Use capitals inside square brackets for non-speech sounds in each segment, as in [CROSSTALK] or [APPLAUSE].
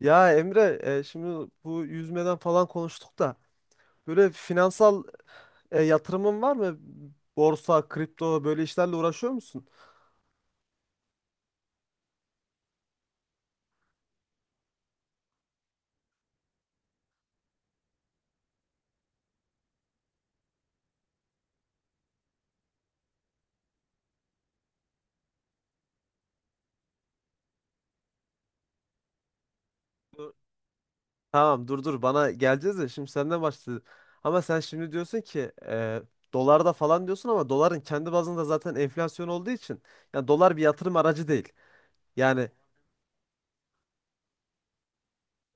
Ya Emre, şimdi bu yüzmeden falan konuştuk da böyle finansal yatırımın var mı? Borsa, kripto böyle işlerle uğraşıyor musun? Dur. Tamam, dur dur, bana geleceğiz de şimdi senden başladı. Ama sen şimdi diyorsun ki dolarda falan diyorsun, ama doların kendi bazında zaten enflasyon olduğu için yani dolar bir yatırım aracı değil. Yani.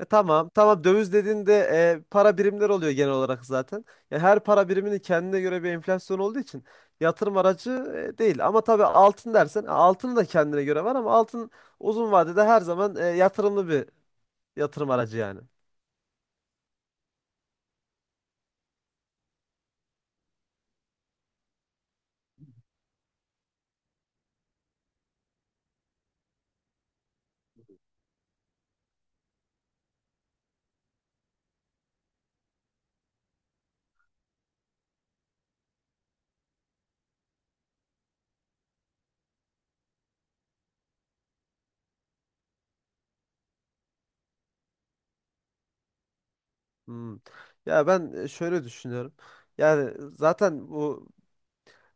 Tamam. Tamam, döviz dediğinde para birimler oluyor genel olarak zaten. Ya her para biriminin kendine göre bir enflasyon olduğu için yatırım aracı değil. Ama tabii altın dersen altın da kendine göre var, ama altın uzun vadede her zaman yatırımlı bir yatırım aracı yani. Hmm. Ya ben şöyle düşünüyorum. Yani zaten bu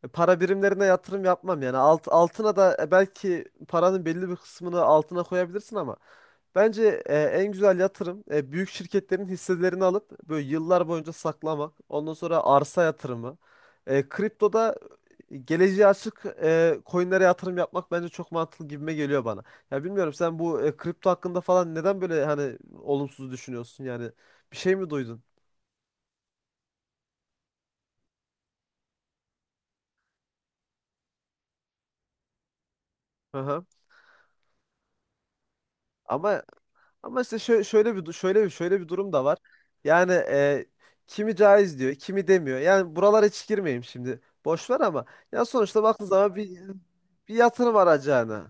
para birimlerine yatırım yapmam yani. Altına da belki paranın belli bir kısmını altına koyabilirsin, ama bence en güzel yatırım büyük şirketlerin hisselerini alıp böyle yıllar boyunca saklamak. Ondan sonra arsa yatırımı. Kriptoda geleceğe açık coinlere yatırım yapmak bence çok mantıklı, gibime geliyor bana. Ya bilmiyorum, sen bu kripto hakkında falan neden böyle hani olumsuz düşünüyorsun? Yani bir şey mi duydun? Hı hı. Ama Ama işte şöyle bir durum da var. Yani, kimi caiz diyor, kimi demiyor. Yani buralara hiç girmeyeyim şimdi. Boş ver, ama ya sonuçta baktığın zaman bir yatırım aracı yani.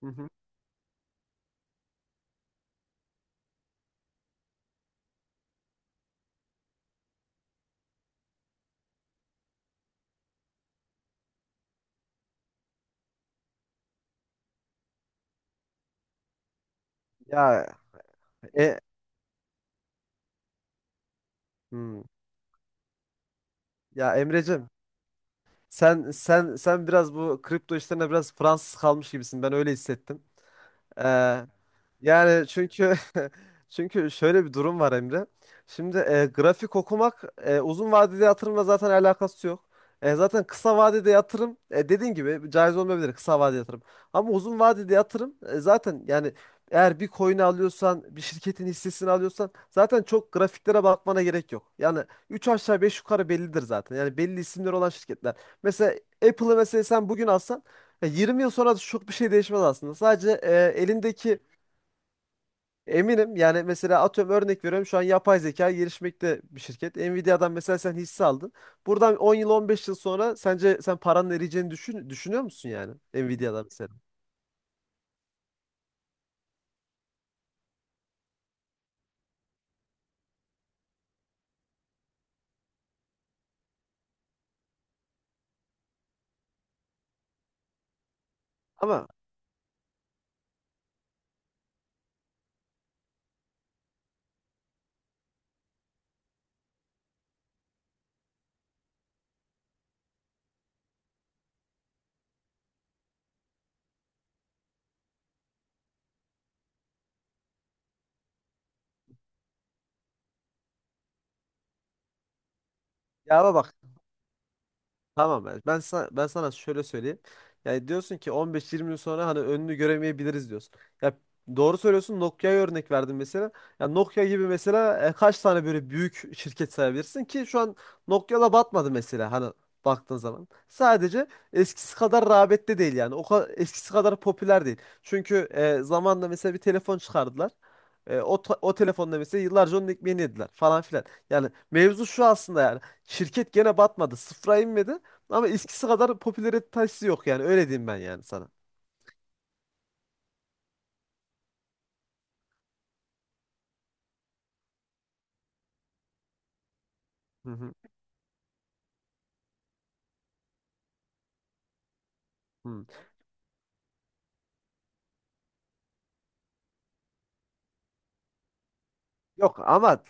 Hı hı. Ya, e, hmm. Ya Emreciğim, sen biraz bu kripto işlerine biraz Fransız kalmış gibisin. Ben öyle hissettim. Yani [LAUGHS] çünkü şöyle bir durum var, Emre. Şimdi grafik okumak uzun vadeli yatırımla zaten alakası yok. Zaten kısa vadede yatırım, dediğin gibi, caiz olmayabilir kısa vadeli yatırım. Ama uzun vadede yatırım zaten yani eğer bir coin alıyorsan, bir şirketin hissesini alıyorsan zaten çok grafiklere bakmana gerek yok. Yani 3 aşağı 5 yukarı bellidir zaten. Yani belli isimleri olan şirketler. Mesela Apple'ı, mesela sen bugün alsan, 20 yıl sonra da çok bir şey değişmez aslında. Sadece elindeki. Eminim yani, mesela atıyorum, örnek veriyorum, şu an yapay zeka gelişmekte bir şirket. Nvidia'dan mesela sen hisse aldın. Buradan 10 yıl 15 yıl sonra sence sen paranın eriyeceğini düşünüyor musun yani, Nvidia'dan mesela? Ama ya bak, tamam, ben sana şöyle söyleyeyim. Yani diyorsun ki 15-20 yıl sonra hani önünü göremeyebiliriz diyorsun. Ya, doğru söylüyorsun. Nokia'ya örnek verdin mesela. Ya Nokia gibi, mesela kaç tane böyle büyük şirket sayabilirsin ki şu an? Nokia da batmadı mesela, hani baktığın zaman. Sadece eskisi kadar rağbette değil yani. O kadar eskisi kadar popüler değil. Çünkü zamanla mesela bir telefon çıkardılar. O telefonda mesela yıllarca onun ekmeğini yediler falan filan. Yani mevzu şu aslında yani. Şirket gene batmadı. Sıfıra inmedi. Ama eskisi kadar popülaritesi yok yani, öyle diyeyim ben yani sana. Hı hı. Hı. Yok, ama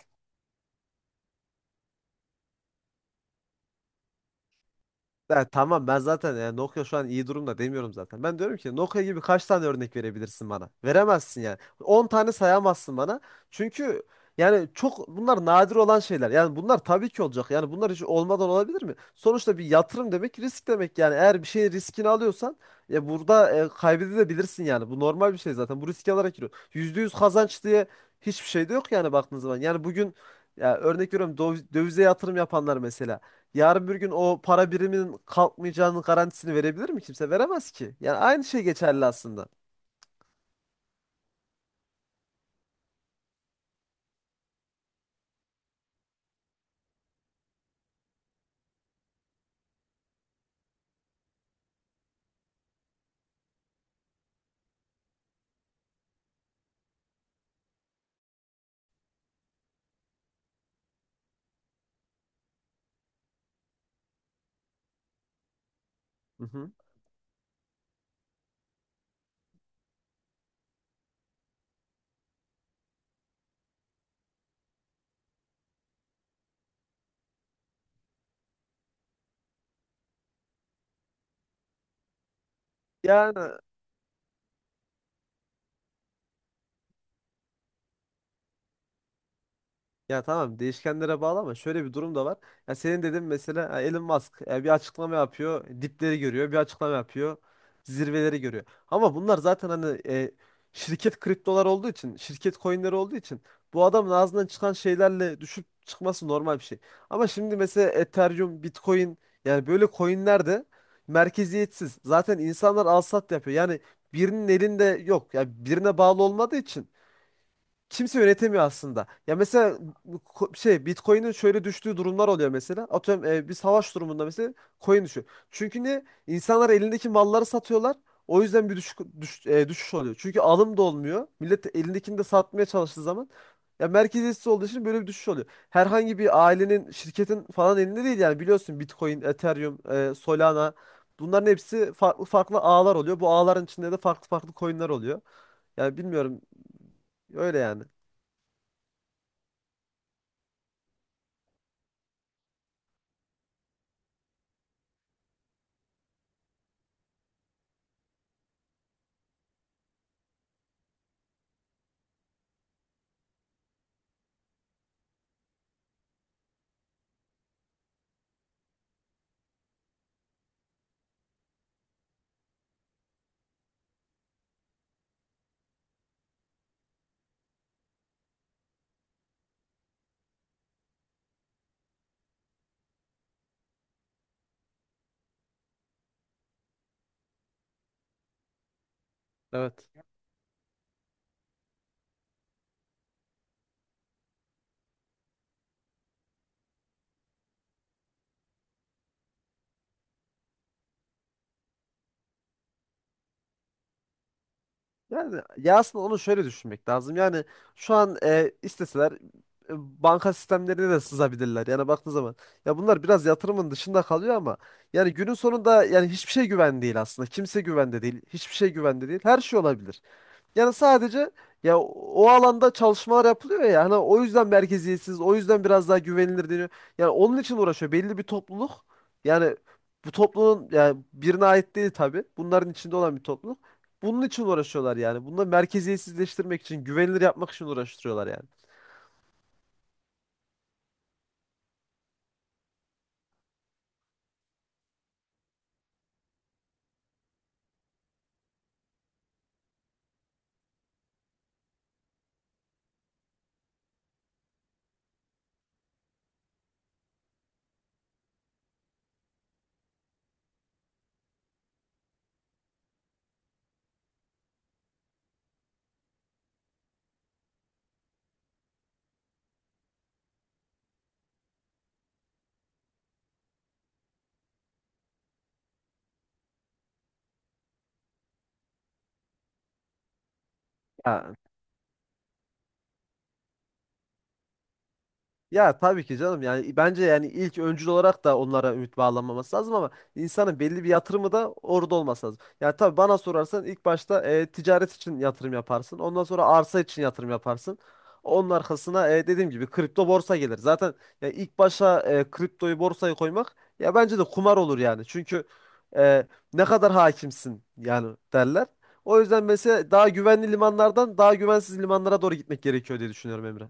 ya tamam, ben zaten yani Nokia şu an iyi durumda demiyorum zaten. Ben diyorum ki Nokia gibi kaç tane örnek verebilirsin bana? Veremezsin yani. 10 tane sayamazsın bana. Çünkü yani çok bunlar nadir olan şeyler. Yani bunlar tabii ki olacak. Yani bunlar hiç olmadan olabilir mi? Sonuçta bir yatırım demek risk demek yani. Eğer bir şeyin riskini alıyorsan, ya burada kaybedebilirsin yani. Bu normal bir şey zaten. Bu riski alarak giriyor. %100 kazanç diye hiçbir şey de yok yani, baktığın zaman. Yani bugün, ya örnek veriyorum, dövize yatırım yapanlar mesela. Yarın bir gün o para biriminin kalkmayacağının garantisini verebilir mi kimse? Veremez ki. Yani aynı şey geçerli aslında. Hı hı. Yani, ya tamam, değişkenlere bağlı, ama şöyle bir durum da var. Ya senin dedin mesela, ha, Elon Musk, bir açıklama yapıyor, dipleri görüyor, bir açıklama yapıyor, zirveleri görüyor. Ama bunlar zaten hani, şirket kriptolar olduğu için, şirket coinleri olduğu için, bu adamın ağzından çıkan şeylerle düşüp çıkması normal bir şey. Ama şimdi mesela Ethereum, Bitcoin, yani böyle coinler de merkeziyetsiz. Zaten insanlar al sat yapıyor. Yani birinin elinde yok. Ya birine bağlı olmadığı için kimse yönetemiyor aslında. Ya mesela bu Bitcoin'in şöyle düştüğü durumlar oluyor mesela. Atıyorum, bir savaş durumunda mesela coin düşüyor. Çünkü ne? İnsanlar elindeki malları satıyorlar. O yüzden bir düşüş oluyor. Çünkü alım da olmuyor. Millet elindekini de satmaya çalıştığı zaman, ya merkeziyetsiz olduğu için böyle bir düşüş oluyor. Herhangi bir ailenin, şirketin falan elinde değil yani, biliyorsun Bitcoin, Ethereum, Solana, bunların hepsi farklı farklı ağlar oluyor. Bu ağların içinde de farklı farklı coin'ler oluyor. Yani bilmiyorum, öyle yani. Evet. Yani ya, aslında onu şöyle düşünmek lazım. Yani şu an isteseler, banka sistemlerine de sızabilirler. Yani baktığı zaman, ya bunlar biraz yatırımın dışında kalıyor, ama yani günün sonunda yani hiçbir şey güven değil aslında. Kimse güvende değil. Hiçbir şey güvende değil. Her şey olabilir. Yani sadece, ya o alanda çalışmalar yapılıyor ya. Hani o yüzden merkeziyetsiz, o yüzden biraz daha güvenilir deniyor. Yani onun için uğraşıyor, belli bir topluluk. Yani bu toplumun yani birine ait değil tabii. Bunların içinde olan bir topluluk. Bunun için uğraşıyorlar yani. Bunu da merkeziyetsizleştirmek için, güvenilir yapmak için uğraştırıyorlar yani. Ya Ya tabii ki canım, yani bence yani ilk öncül olarak da onlara ümit bağlanmaması lazım, ama insanın belli bir yatırımı da orada olması lazım. Yani tabii bana sorarsan, ilk başta ticaret için yatırım yaparsın. Ondan sonra arsa için yatırım yaparsın. Onun arkasına, dediğim gibi, kripto borsa gelir. Zaten ya ilk başa kriptoyu borsayı koymak, ya bence de kumar olur yani. Çünkü e, ne kadar hakimsin yani, derler. O yüzden mesela daha güvenli limanlardan daha güvensiz limanlara doğru gitmek gerekiyor diye düşünüyorum, Emre.